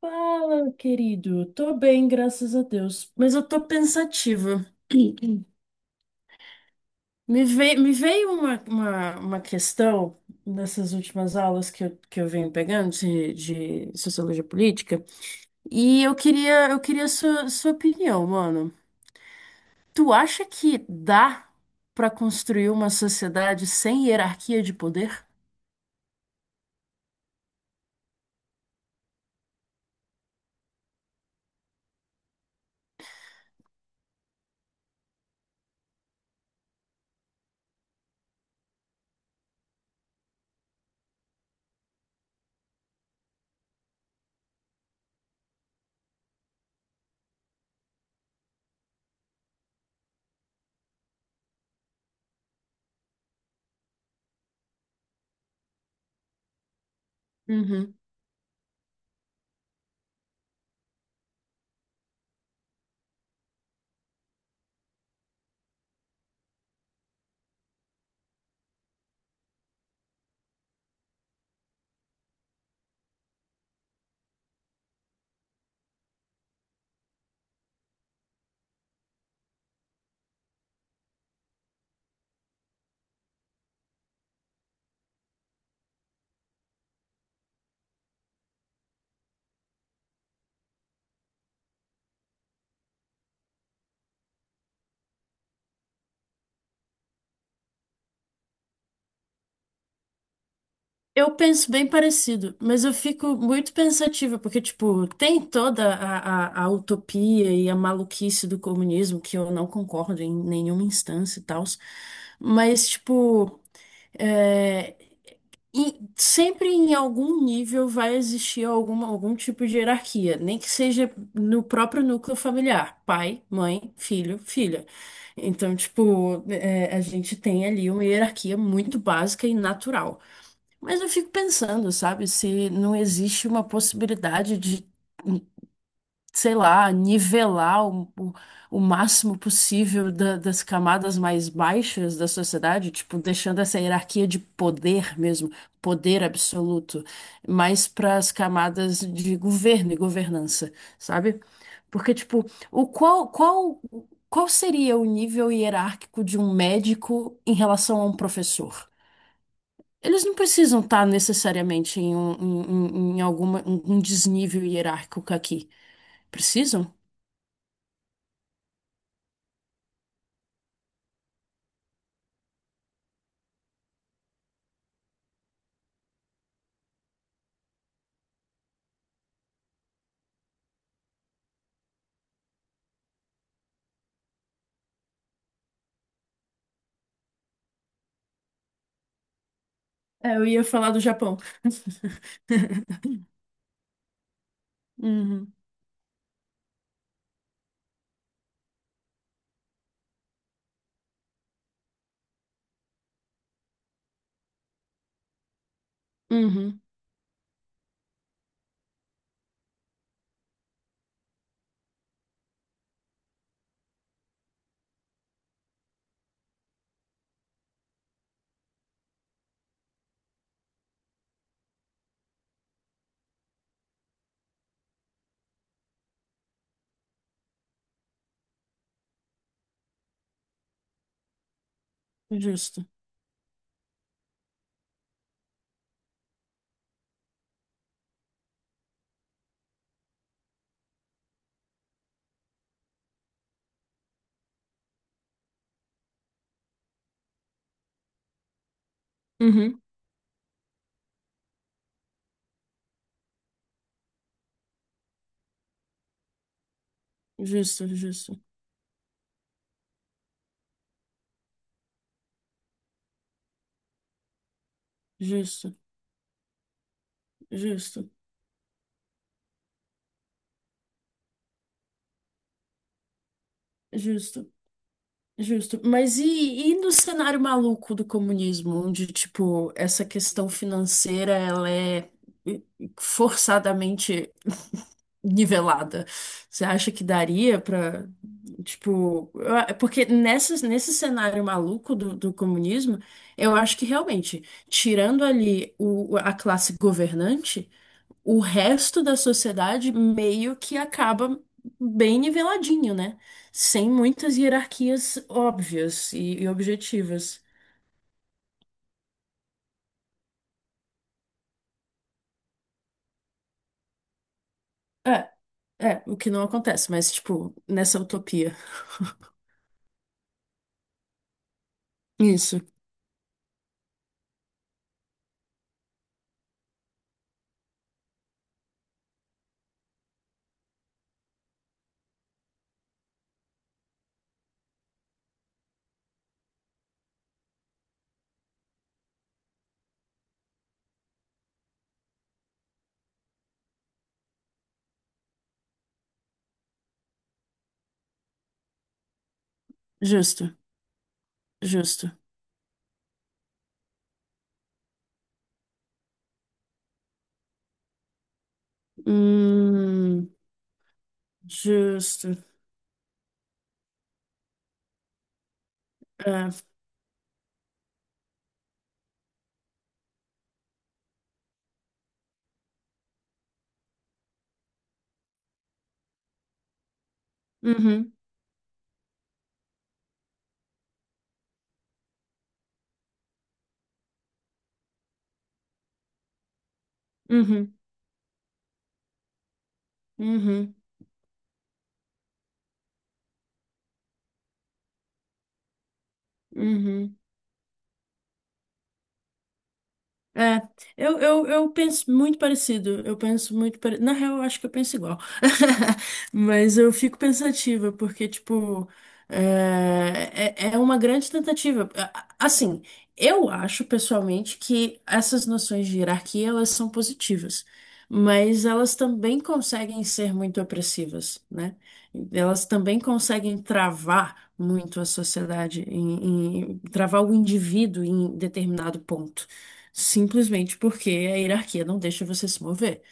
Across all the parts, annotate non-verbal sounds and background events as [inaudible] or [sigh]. Fala, querido. Tô bem, graças a Deus. Mas eu tô pensativa. [clears throat] Me veio uma questão nessas últimas aulas que eu venho pegando de sociologia política. E eu queria sua opinião, mano. Tu acha que dá pra construir uma sociedade sem hierarquia de poder? Uhum. Eu penso bem parecido, mas eu fico muito pensativa, porque, tipo, tem toda a utopia e a maluquice do comunismo, que eu não concordo em nenhuma instância e tal, mas, tipo, é, e sempre em algum nível vai existir alguma, algum tipo de hierarquia, nem que seja no próprio núcleo familiar, pai, mãe, filho, filha. Então, tipo, é, a gente tem ali uma hierarquia muito básica e natural. Mas eu fico pensando, sabe, se não existe uma possibilidade de, sei lá, nivelar o máximo possível das camadas mais baixas da sociedade, tipo, deixando essa hierarquia de poder mesmo, poder absoluto, mais para as camadas de governo e governança, sabe? Porque, tipo, o qual, qual, qual seria o nível hierárquico de um médico em relação a um professor? Eles não precisam estar necessariamente em alguma, um desnível hierárquico aqui. Precisam? É, eu ia falar do Japão. [laughs] Uhum, uhum, justo, Uhum. Justo, justo, justo, justo, justo, justo. Mas e no cenário maluco do comunismo, onde, tipo, essa questão financeira, ela é forçadamente nivelada. Você acha que daria pra, tipo, porque nesse cenário maluco do comunismo, eu acho que realmente, tirando ali a classe governante, o resto da sociedade meio que acaba bem niveladinho, né? Sem muitas hierarquias óbvias e objetivas. É, é, o que não acontece, mas, tipo, nessa utopia. Isso, justo, justo. Hum. Justo. É. Uhum, uhum, uhum, uhum. É, eu penso muito parecido. Eu penso muito pare... Na real, eu acho que eu penso igual. [laughs] Mas eu fico pensativa, porque, tipo, é uma grande tentativa. Assim, eu acho pessoalmente que essas noções de hierarquia, elas são positivas, mas elas também conseguem ser muito opressivas, né? Elas também conseguem travar muito a sociedade, travar o indivíduo em determinado ponto simplesmente porque a hierarquia não deixa você se mover.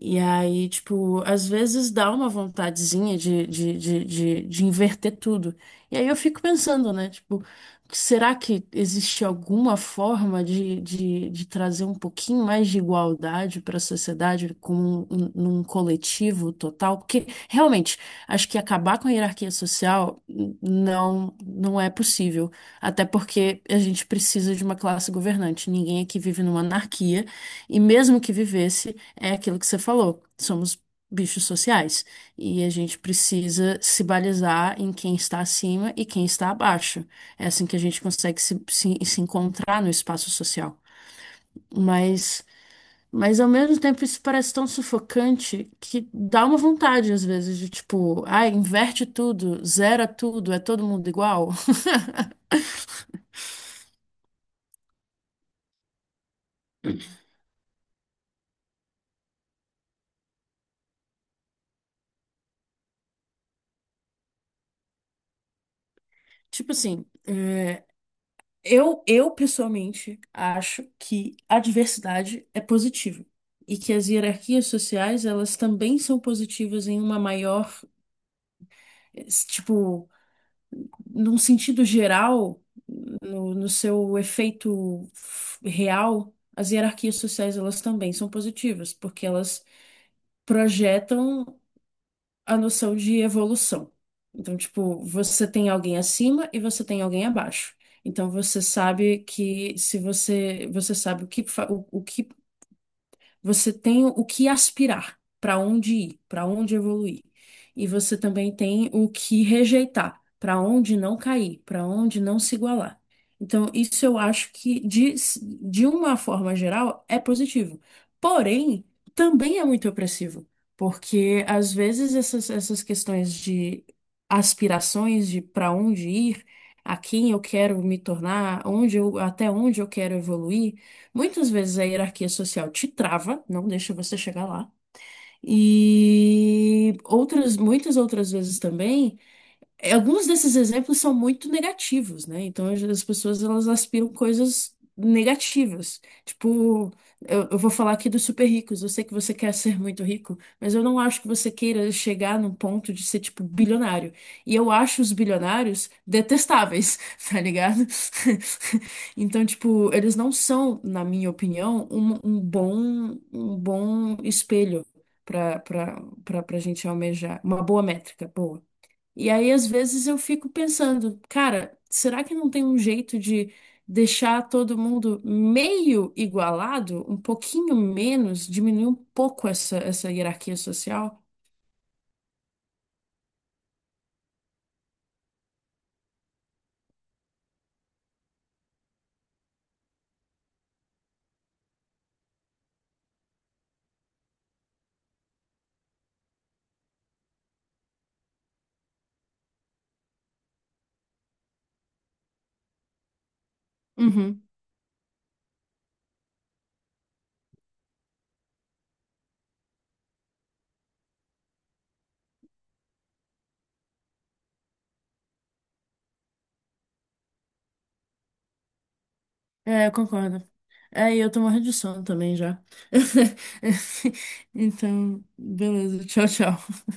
E aí, tipo, às vezes dá uma vontadezinha de inverter tudo. E aí eu fico pensando, né? Tipo, será que existe alguma forma de trazer um pouquinho mais de igualdade para a sociedade como num coletivo total? Porque realmente, acho que acabar com a hierarquia social não é possível. Até porque a gente precisa de uma classe governante. Ninguém aqui vive numa anarquia, e mesmo que vivesse, é aquilo que você falou. Somos bichos sociais. E a gente precisa se balizar em quem está acima e quem está abaixo. É assim que a gente consegue se encontrar no espaço social. Mas, mas ao mesmo tempo isso parece tão sufocante que dá uma vontade, às vezes, de tipo, ah, inverte tudo, zera tudo, é todo mundo igual. [laughs] Tipo assim. É, eu pessoalmente acho que a diversidade é positiva e que as hierarquias sociais elas também são positivas em uma maior, tipo, num sentido geral, no seu efeito real, as hierarquias sociais elas também são positivas porque elas projetam a noção de evolução. Então, tipo, você tem alguém acima e você tem alguém abaixo. Então, você sabe que se você, você sabe o que, o que você tem o que aspirar, para onde ir, para onde evoluir. E você também tem o que rejeitar, para onde não cair, para onde não se igualar. Então, isso eu acho que, de uma forma geral, é positivo. Porém, também é muito opressivo, porque às vezes essas questões de aspirações, de para onde ir, a quem eu quero me tornar, onde eu, até onde eu quero evoluir. Muitas vezes a hierarquia social te trava, não deixa você chegar lá. E outras, muitas outras vezes também. É, alguns desses exemplos são muito negativos, né? Então as pessoas elas aspiram coisas negativas. Tipo, eu vou falar aqui dos super ricos. Eu sei que você quer ser muito rico, mas eu não acho que você queira chegar num ponto de ser tipo bilionário. E eu acho os bilionários detestáveis, [laughs] tá ligado? [laughs] Então, tipo, eles não são, na minha opinião, um bom bom espelho para pra gente almejar. Uma boa métrica, boa. E aí, às vezes, eu fico pensando, cara, será que não tem um jeito de deixar todo mundo meio igualado, um pouquinho menos, diminuir um pouco essa hierarquia social? Uhum. É, eu concordo. É, e eu tô morrendo de sono também já. [laughs] Então, beleza, tchau, tchau.